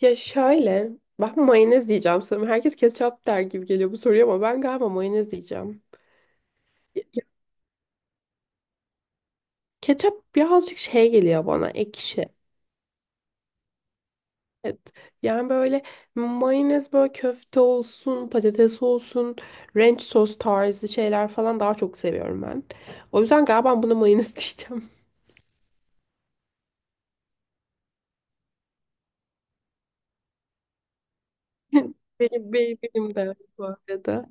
Ya şöyle, ben mayonez diyeceğim sanırım. Herkes ketçap der gibi geliyor bu soruya ama ben galiba mayonez diyeceğim. Ya- ya Ketçap birazcık şey geliyor bana, ekşi. Evet. Yani böyle mayonez böyle köfte olsun, patates olsun, ranch sos tarzı şeyler falan daha çok seviyorum ben. O yüzden galiba buna mayonez diyeceğim. Benim de bu arada.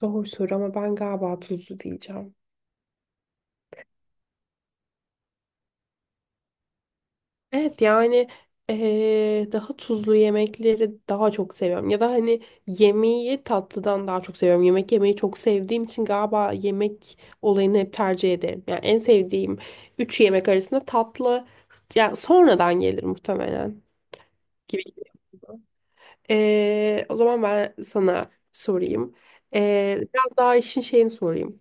Doğru soru ama ben galiba tuzlu diyeceğim. Evet, yani daha tuzlu yemekleri daha çok seviyorum. Ya da hani yemeği tatlıdan daha çok seviyorum. Yemek yemeyi çok sevdiğim için galiba yemek olayını hep tercih ederim. Yani en sevdiğim üç yemek arasında tatlı yani sonradan gelir muhtemelen gibi. Geliyor. O zaman ben sana sorayım. Biraz daha işin şeyini sorayım.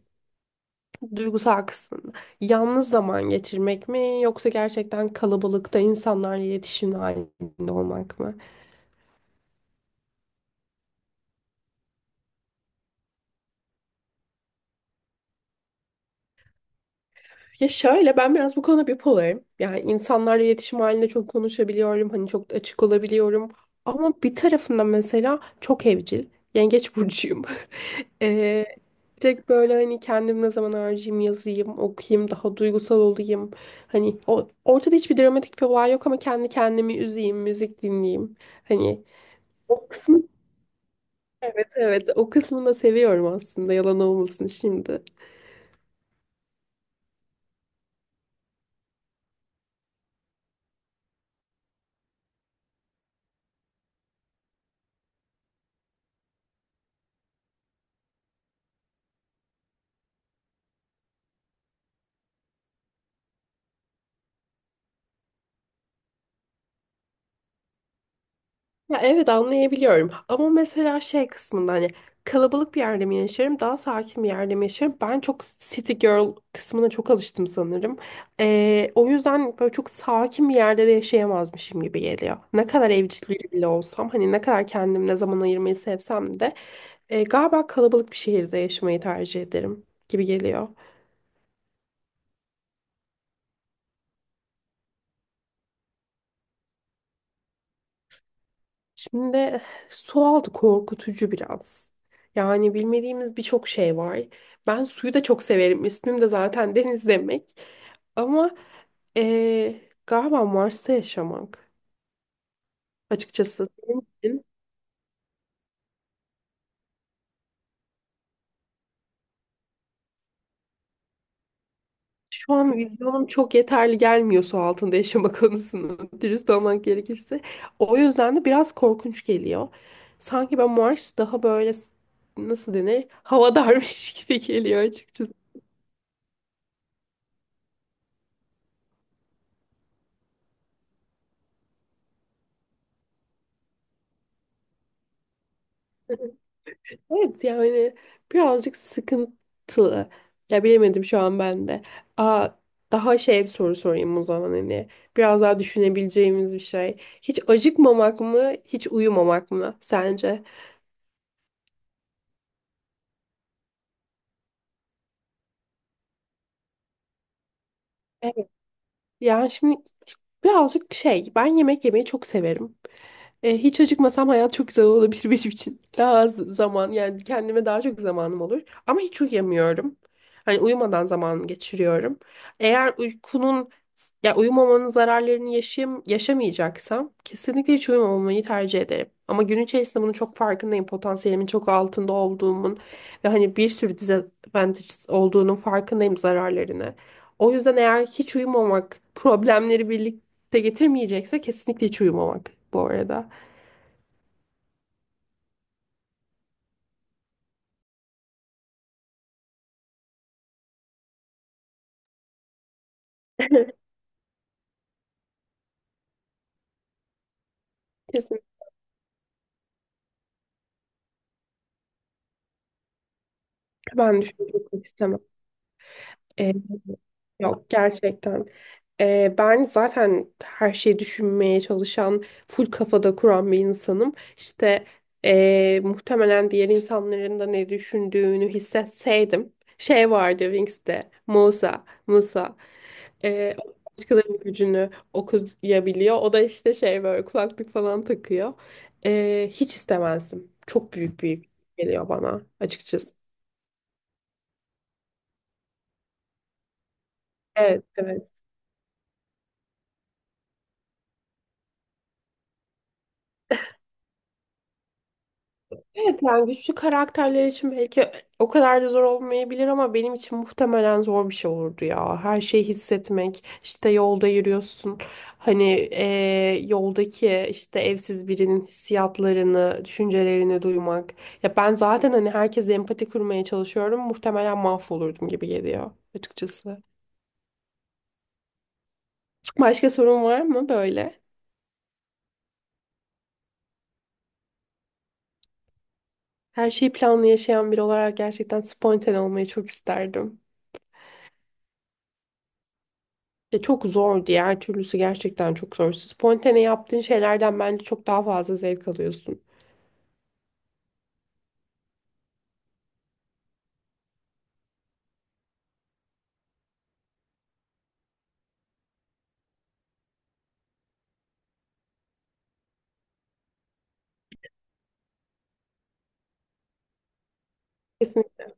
Duygusal kısmında. Yalnız zaman geçirmek mi yoksa gerçekten kalabalıkta insanlarla iletişim halinde olmak mı? Ya şöyle, ben biraz bu konuda bipolarım. Yani insanlarla iletişim halinde çok konuşabiliyorum. Hani çok açık olabiliyorum. Ama bir tarafında mesela çok evcil. Yengeç burcuyum. Ee, Direkt böyle hani kendim ne zaman harcayayım, yazayım, okuyayım, daha duygusal olayım. Hani o, ortada hiçbir dramatik bir olay yok ama kendi kendimi üzeyim, müzik dinleyeyim. Hani o kısmı. Evet, evet, o kısmını da seviyorum aslında, yalan olmasın şimdi. Ya evet, anlayabiliyorum ama mesela şey kısmında hani kalabalık bir yerde mi yaşarım daha sakin bir yerde mi yaşarım, ben çok city girl kısmına çok alıştım sanırım. O yüzden böyle çok sakin bir yerde de yaşayamazmışım gibi geliyor. Ne kadar evcil bile olsam, hani ne kadar kendim ne zaman ayırmayı sevsem de galiba kalabalık bir şehirde yaşamayı tercih ederim gibi geliyor. Şimdi sualtı korkutucu biraz. Yani bilmediğimiz birçok şey var. Ben suyu da çok severim. İsmim de zaten deniz demek. Ama galiba Mars'ta yaşamak açıkçası senin için. Şu an vizyonum çok yeterli gelmiyor su altında yaşama konusunu dürüst olmak gerekirse. O yüzden de biraz korkunç geliyor. Sanki ben Mars daha böyle nasıl denir havadarmış gibi geliyor açıkçası. Evet, yani birazcık sıkıntılı. Ya bilemedim şu an ben de. Aa, Daha şey bir soru sorayım o zaman hani. Biraz daha düşünebileceğimiz bir şey. Hiç acıkmamak mı, hiç uyumamak mı sence? Evet. Yani şimdi birazcık şey, ben yemek yemeyi çok severim. Hiç acıkmasam hayat çok güzel olabilir benim için. Daha az zaman, yani kendime daha çok zamanım olur. Ama hiç uyuyamıyorum. Hani uyumadan zaman geçiriyorum. Eğer uykunun ya uyumamanın zararlarını yaşayam yaşamayacaksam kesinlikle hiç uyumamayı tercih ederim. Ama gün içerisinde bunun çok farkındayım. Potansiyelimin çok altında olduğumun ve hani bir sürü disadvantages olduğunun farkındayım, zararlarını. O yüzden eğer hiç uyumamak problemleri birlikte getirmeyecekse kesinlikle hiç uyumamak bu arada. Hı. Kesinlikle ben düşünmek istemem. Ee, Yok, gerçekten. Ben zaten her şeyi düşünmeye çalışan, full kafada kuran bir insanım. İşte muhtemelen diğer insanların da ne düşündüğünü hissetseydim. Şey vardı Wings'te, Musa. Ee, Başkalarının gücünü okuyabiliyor. O da işte şey böyle kulaklık falan takıyor. Hiç istemezdim. Çok büyük büyük geliyor bana açıkçası. Evet, evet. Evet, yani güçlü karakterler için belki o kadar da zor olmayabilir ama benim için muhtemelen zor bir şey olurdu ya. Her şeyi hissetmek, işte yolda yürüyorsun. Hani yoldaki işte evsiz birinin hissiyatlarını, düşüncelerini duymak. Ya ben zaten hani herkese empati kurmaya çalışıyorum. Muhtemelen mahvolurdum gibi geliyor açıkçası. Başka sorun var mı böyle? Her şeyi planlı yaşayan biri olarak gerçekten spontane olmayı çok isterdim. Ve çok zor, diğer türlüsü gerçekten çok zor. Spontane yaptığın şeylerden bence çok daha fazla zevk alıyorsun. Kesinlikle,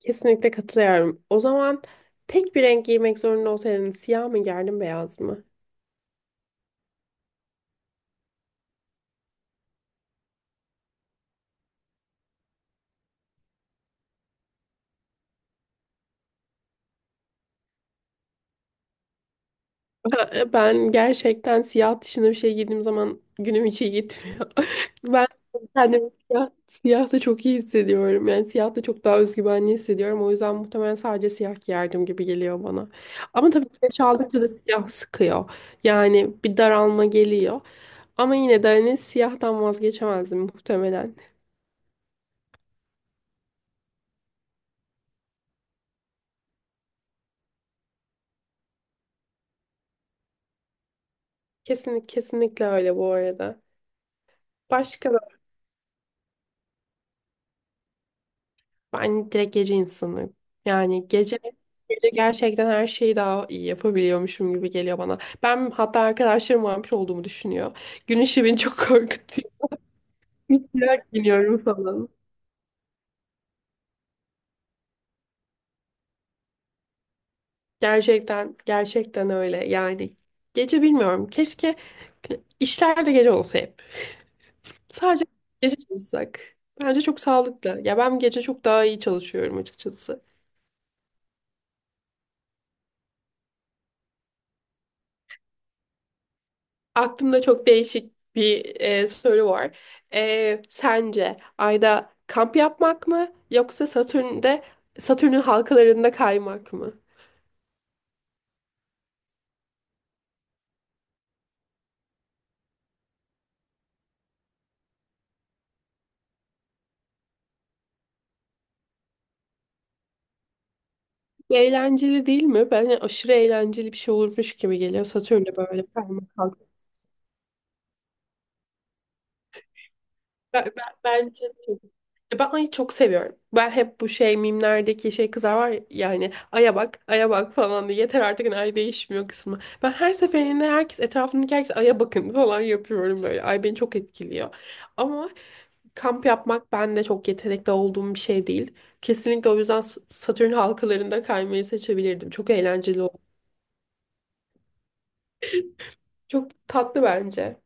kesinlikle katılıyorum. O zaman tek bir renk giymek zorunda olsaydın siyah mı giyerdin beyaz mı? Ben gerçekten siyah dışında bir şey giydiğim zaman günüm hiç iyi gitmiyor. Ben kendimi siyahta çok iyi hissediyorum. Yani siyahta çok daha özgüvenli hissediyorum. O yüzden muhtemelen sadece siyah giyerdim gibi geliyor bana. Ama tabii güneş aldıkça da siyah sıkıyor. Yani bir daralma geliyor. Ama yine de hani siyahtan vazgeçemezdim muhtemelen. Kesinlikle, kesinlikle öyle bu arada. Başka. Ben direkt gece insanıyım. Yani gece gerçekten her şeyi daha iyi yapabiliyormuşum gibi geliyor bana. Ben hatta arkadaşlarım vampir olduğumu düşünüyor. Gün ışığı beni çok korkutuyor. Bir siyah giyiniyorum falan. Gerçekten gerçekten öyle. Yani gece bilmiyorum. Keşke işler de gece olsa hep. Sadece gece çalışsak. Bence çok sağlıklı. Ya ben gece çok daha iyi çalışıyorum açıkçası. Aklımda çok değişik bir soru var. E, sence Ay'da kamp yapmak mı yoksa Satürn'ün halkalarında kaymak mı? Eğlenceli değil mi? Bence aşırı eğlenceli bir şey olurmuş gibi geliyor Satürn'de böyle kaymak. Bence de. Ya ben ayı çok seviyorum. Ben hep bu şey mimlerdeki şey kızlar var ya, yani aya bak falan diye, yeter artık hani ay değişmiyor kısmı. Ben her seferinde etrafındaki herkes aya bakın falan yapıyorum böyle. Ay beni çok etkiliyor. Ama kamp yapmak ben de çok yetenekli olduğum bir şey değil. Kesinlikle o yüzden Satürn halkalarında kaymayı seçebilirdim. Çok eğlenceli oldu. Çok tatlı bence.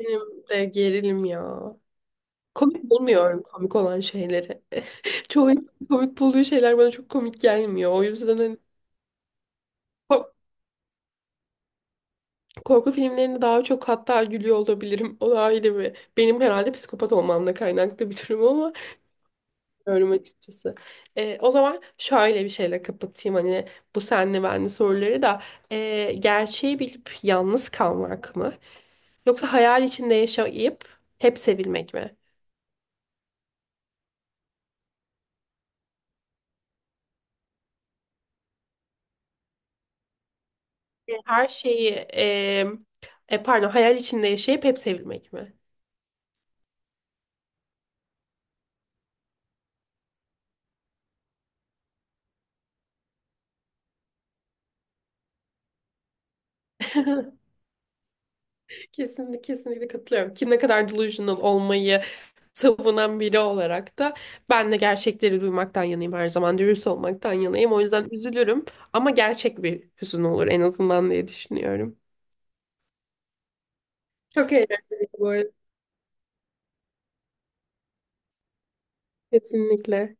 Benim de gerilim ya. Komik bulmuyorum komik olan şeyleri. Çoğu insan komik bulduğu şeyler bana çok komik gelmiyor. O yüzden hani ko- korku filmlerinde daha çok hatta gülüyor olabilirim. O da ayrı bir. Benim herhalde psikopat olmamla kaynaklı bir durum ama bilmiyorum açıkçası. O zaman şöyle bir şeyle kapatayım hani bu senli benli soruları da. Gerçeği bilip yalnız kalmak mı? Yoksa hayal içinde yaşayıp hep sevilmek mi? Her şeyi e, e, Pardon, hayal içinde yaşayıp hep sevilmek mi? Kesinlikle, kesinlikle katılıyorum ki ne kadar delusional olmayı savunan biri olarak da ben de gerçekleri duymaktan yanayım, her zaman dürüst olmaktan yanayım, o yüzden üzülürüm ama gerçek bir hüzün olur en azından diye düşünüyorum. Çok eğlenceli bu arada. Kesinlikle.